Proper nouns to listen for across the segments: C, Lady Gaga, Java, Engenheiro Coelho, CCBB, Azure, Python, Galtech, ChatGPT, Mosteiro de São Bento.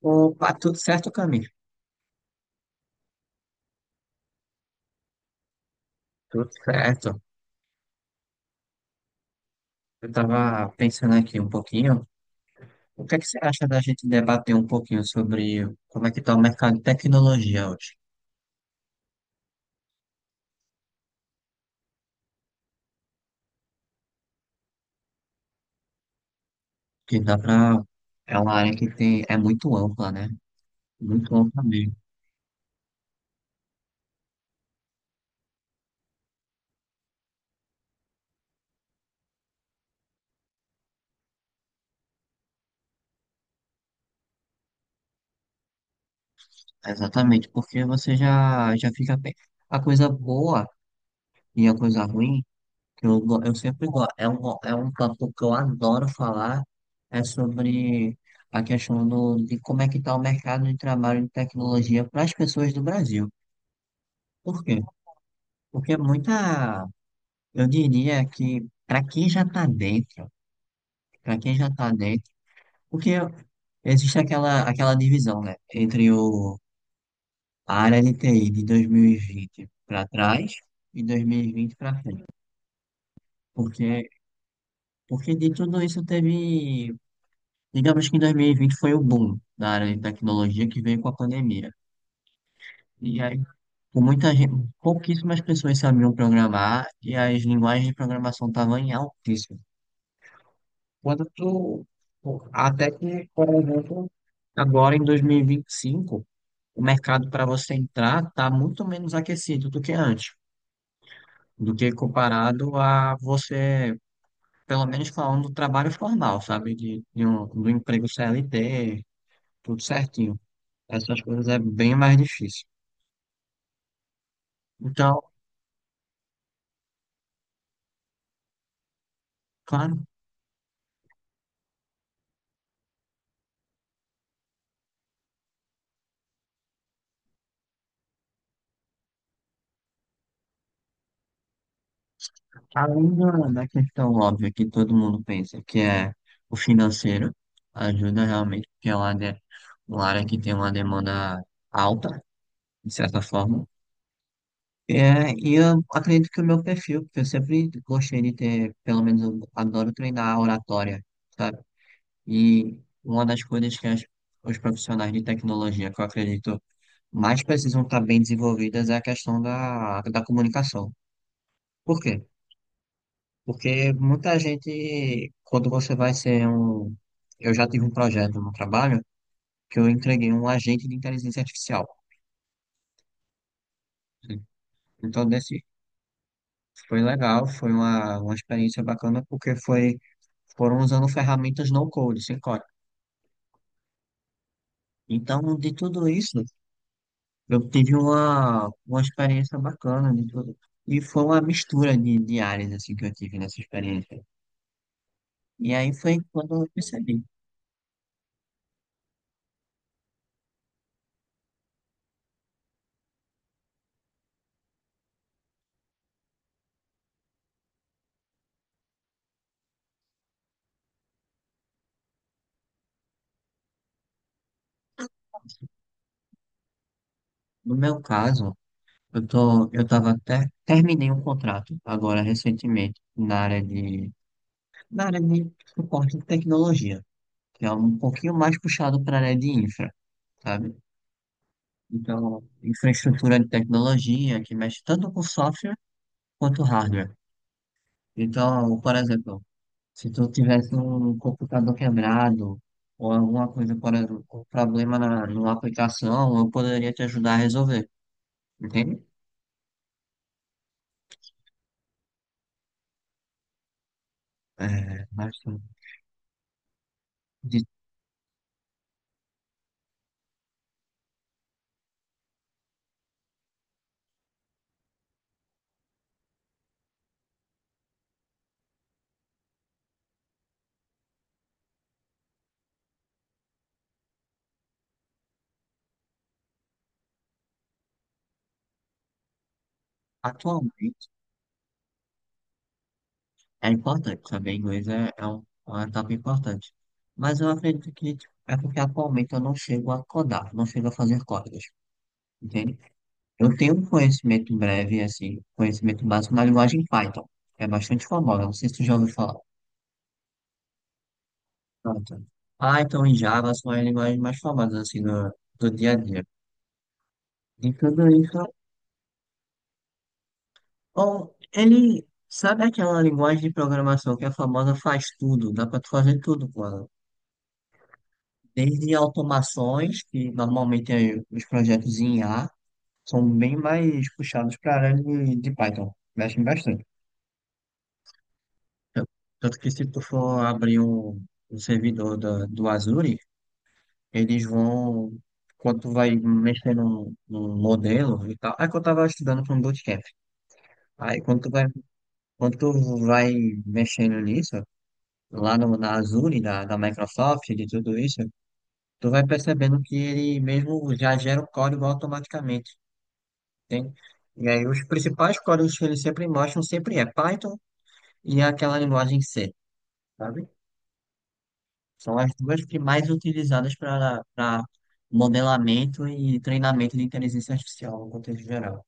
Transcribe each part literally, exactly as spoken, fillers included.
Opa, tudo certo, Camille? Tudo certo. Eu estava pensando aqui um pouquinho. O que é que você acha da gente debater um pouquinho sobre como é que está o mercado de tecnologia hoje? Que dá para. É uma área que tem, é muito ampla, né? Muito ampla mesmo. Exatamente, porque você já, já fica bem. A coisa boa e a coisa ruim. Eu, go- eu sempre gosto. É um, é um papo que eu adoro falar. É sobre a questão do, de como é que está o mercado de trabalho de tecnologia para as pessoas do Brasil. Por quê? Porque muita, eu diria que para quem já está dentro, para quem já está dentro, porque existe aquela, aquela divisão, né, entre o, a área de T I de dois mil e vinte para trás e dois mil e vinte para frente. Porque, porque de tudo isso teve. Digamos que dois mil e vinte foi o boom da área de tecnologia que veio com a pandemia. E aí, com muita gente, pouquíssimas pessoas sabiam programar e as linguagens de programação estavam em altíssimo. Quando tu, até que, por exemplo, agora em dois mil e vinte e cinco, o mercado para você entrar está muito menos aquecido do que antes, do que comparado a você, pelo menos falando do trabalho formal, sabe? De, de um, do emprego C L T, tudo certinho. Essas coisas é bem mais difícil. Então, claro, além da, da questão óbvia que todo mundo pensa, que é o financeiro, ajuda realmente, porque é uma, de- uma área que tem uma demanda alta, de certa forma. É, e eu acredito que o meu perfil, porque eu sempre gostei de ter, pelo menos eu adoro treinar a oratória, sabe? E uma das coisas que as, os profissionais de tecnologia, que eu acredito, mais precisam estar bem desenvolvidas é a questão da, da comunicação. Por quê? Porque muita gente, quando você vai ser um. Eu já tive um projeto no trabalho que eu entreguei um agente de inteligência artificial, né? Então, desse foi legal, foi uma, uma experiência bacana, porque foi, foram usando ferramentas no code, sem código. Então, de tudo isso, eu tive uma, uma experiência bacana de tudo. E foi uma mistura de, de áreas assim, que eu tive nessa experiência. E aí foi quando eu percebi. No meu caso, Eu tô, eu tava até, terminei um contrato agora recentemente na área de, na área de, suporte de tecnologia, que é um pouquinho mais puxado para a área de infra, sabe? Então, infraestrutura de tecnologia que mexe tanto com software quanto hardware. Então, por exemplo, se tu tivesse um computador quebrado ou alguma coisa, por exemplo, um problema na, numa aplicação, eu poderia te ajudar a resolver, entende? É, mas de, atualmente é importante saber inglês. É, é um- é uma etapa importante. Mas eu acredito que tipo, é porque atualmente eu não chego a codar, não chego a fazer códigos, entende? Eu tenho um conhecimento breve, assim, conhecimento básico na linguagem Python, que é bastante famosa, não sei se tu já ouviu falar. Pronto. Python e Java são as linguagens mais famosas, assim, do, do dia a dia. E tudo isso, bom, ele, sabe aquela linguagem de programação que é famosa faz tudo, dá pra tu fazer tudo com ela. Desde automações, que normalmente é- os projetos em A são bem mais puxados para a área de, de Python, mexem bastante. Tan- Tanto que se tu for abrir um, um servidor da- do Azure, eles vão, quando tu vai mexer num, num modelo e tal, é que eu estava estudando para um bootcamp. Aí quando tu vai, quando tu vai mexendo nisso, lá no, na Azure, da, da Microsoft, de tudo isso, tu vai percebendo que ele mesmo já gera o código automaticamente. Tem. E aí os principais códigos que eles sempre mostram sempre é Python e aquela linguagem C, sabe? São as duas que mais utilizadas para para modelamento e treinamento de inteligência artificial no contexto geral.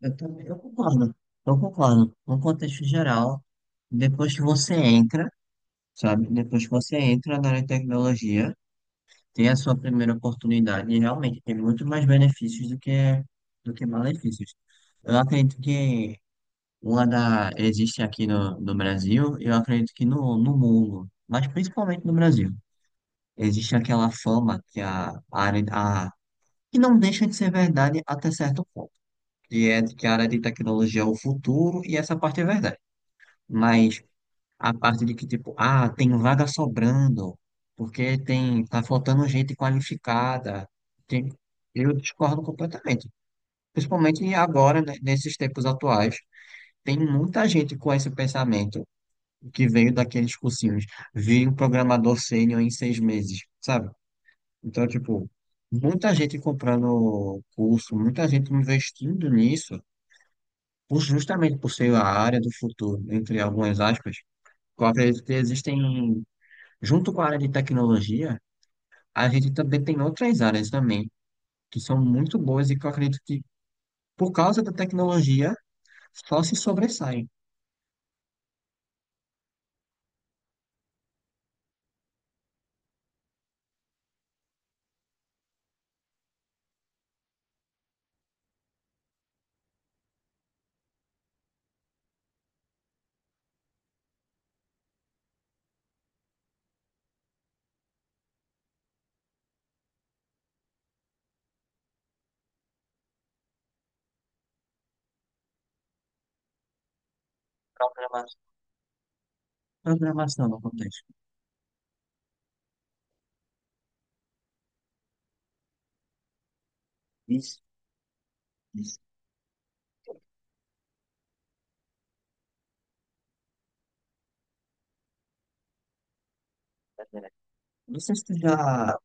Eu também, eu concordo, eu concordo. No contexto geral, depois que você entra, sabe? Depois que você entra na área de tecnologia, tem a sua primeira oportunidade e realmente tem muito mais benefícios do que do que malefícios. Eu acredito que uma da existe aqui no, no Brasil, eu acredito que no, no mundo, mas principalmente no Brasil. Existe aquela fama que a, a área a, que não deixa de ser verdade até certo ponto, que é de que a área de tecnologia é o futuro e essa parte é verdade. Mas a parte de que tipo, ah, tem vaga sobrando, porque tem, tá faltando gente qualificada, tem, eu discordo completamente. Principalmente agora, né, nesses tempos atuais, tem muita gente com esse pensamento que veio daqueles cursinhos. Vi um programador sênior em seis meses, sabe? Então, tipo, muita gente comprando curso, muita gente investindo nisso, por- justamente por ser a área do futuro, entre algumas aspas. Eu acredito que existem, junto com a área de tecnologia, a gente também tem outras áreas também, que são muito boas e que eu acredito que, por causa da tecnologia, só se sobressaem. Programa- Programação no contexto. Isso, isso. Não sei se tu já.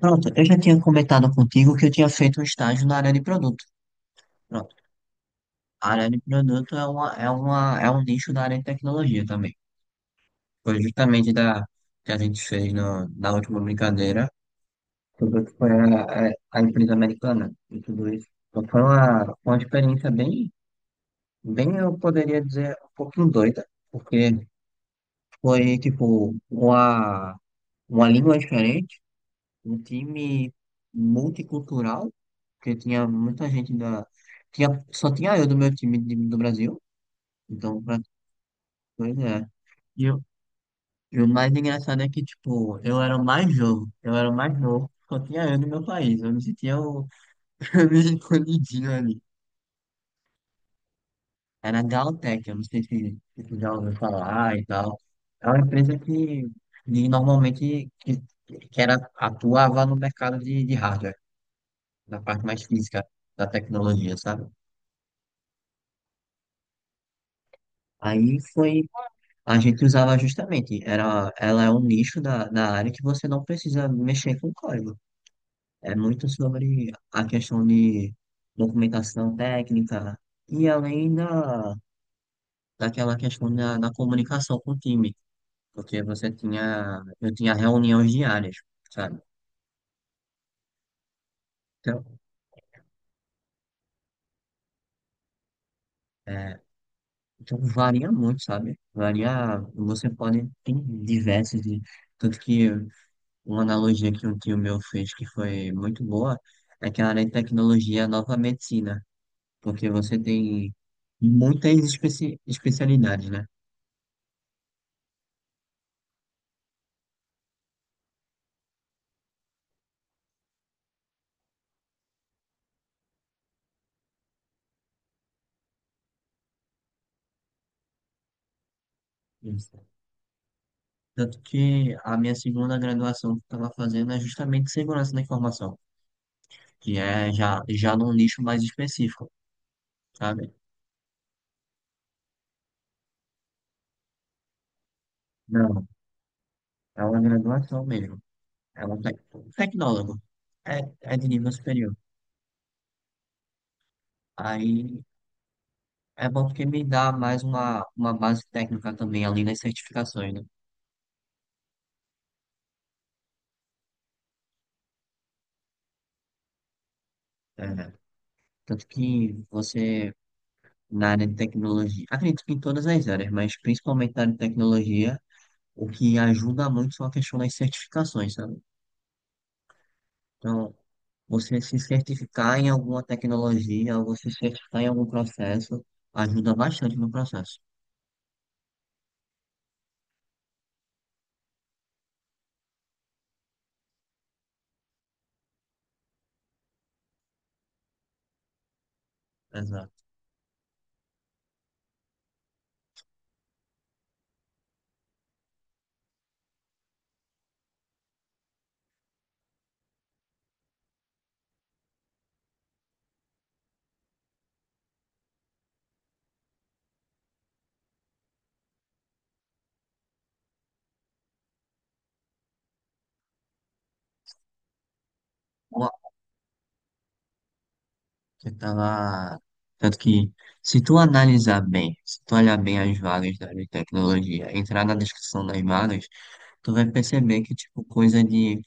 Pronto, eu já tinha comentado contigo que eu tinha feito um estágio na área de produto. Pronto, a área de produto é uma, é uma, é um nicho da área de tecnologia também. Foi justamente da que a gente fez no, na última brincadeira sobre o que foi a, a, a empresa americana e tudo isso. Então foi uma, uma experiência bem, bem, eu poderia dizer, um pouquinho doida, porque foi tipo uma, uma língua diferente, um time multicultural, porque tinha muita gente da. Tinha, só tinha eu do meu time de- do Brasil, então, pra coisa é. E, eu, e o mais engraçado é que, tipo, eu era o mais novo, eu era o mais novo, só tinha eu do meu país, eu me sentia o. Eu me sentia escondidinho ali. Era a Galtech, eu não sei se, se tu já ouviu falar e tal. É uma empresa que, que normalmente que, que era, atuava no mercado de, de hardware, na parte mais física da tecnologia, sabe? Aí foi, a gente usava justamente, era, ela é um nicho da, da área que você não precisa mexer com código. É muito sobre a questão de documentação técnica e além da, daquela questão da, da comunicação com o time, porque você tinha, eu tinha reuniões diárias, sabe? Então, é, então varia muito, sabe? Varia, você pode, tem diversos, de- tanto que uma analogia que um tio meu fez que foi muito boa é que a área de tecnologia é a nova medicina, porque você tem muitas especi especialidades, né? Isso. Tanto que a minha segunda graduação que eu estava fazendo é justamente segurança da informação, que é já, já num nicho mais específico, sabe? Não, é uma graduação mesmo. É um tec- tecnólogo. É, é de nível superior. Aí é bom porque me dá mais uma, uma base técnica também, além das certificações, né? É, tanto que você, na área de tecnologia, acredito que em todas as áreas, mas principalmente na área de tecnologia, o que ajuda muito são a questão das certificações, sabe? Então, você se certificar em alguma tecnologia, ou você se certificar em algum processo, ajuda bastante no processo. Exato. Ó, você tava. Tanto que, se tu analisar bem, se tu olhar bem as vagas da área de tecnologia, entrar na descrição das vagas, tu vai perceber que, tipo, coisa de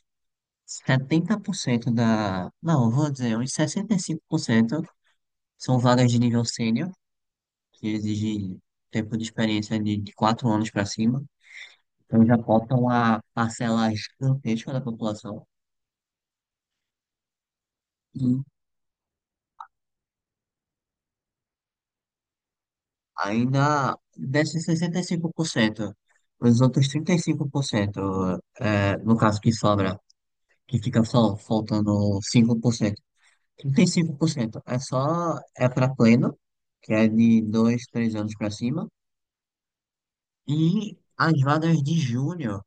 setenta por cento da. Não, eu vou dizer, uns sessenta e cinco por cento são vagas de nível sênior, que exigem tempo de experiência de, de quatro anos para cima. Então já falta uma parcela gigantesca da população. E ainda desses sessenta e cinco por cento, os outros trinta e cinco por cento, é, no caso que sobra, que fica só faltando cinco por cento, trinta e cinco por cento é só é para pleno, que é de dois três anos para cima. E as vagas de júnior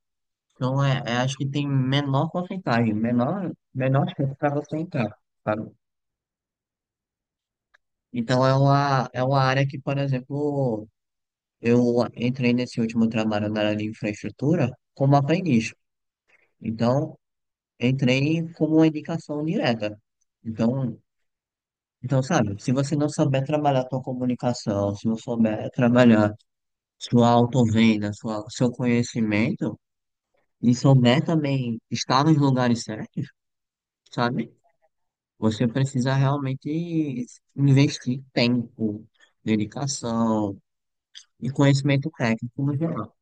então é, é as que tem menor porcentagem, menor, menor chance para você entrar, sabe? Então é uma, é uma área que, por exemplo, eu entrei nesse último trabalho na área de infraestrutura como aprendiz. Então, entrei como uma indicação direta. Então, então, sabe, se você não souber trabalhar sua comunicação, se não souber trabalhar sua autovenda, sua, seu conhecimento, e souber também estar nos lugares certos, sabe? Você precisa realmente investir tempo, dedicação e conhecimento técnico no geral.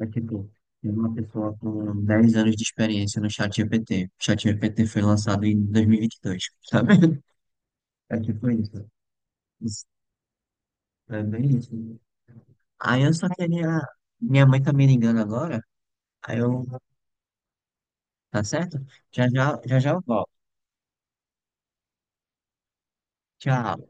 É tipo, tem uma pessoa com dez anos de experiência no ChatGPT. O ChatGPT foi lançado em dois mil e vinte e dois, sabe? É tipo isso. Isso, é bem isso. Aí eu só queria. Minha mãe tá me ligando agora. Aí eu. Tá certo? Já já, já, já eu volto. Tchau.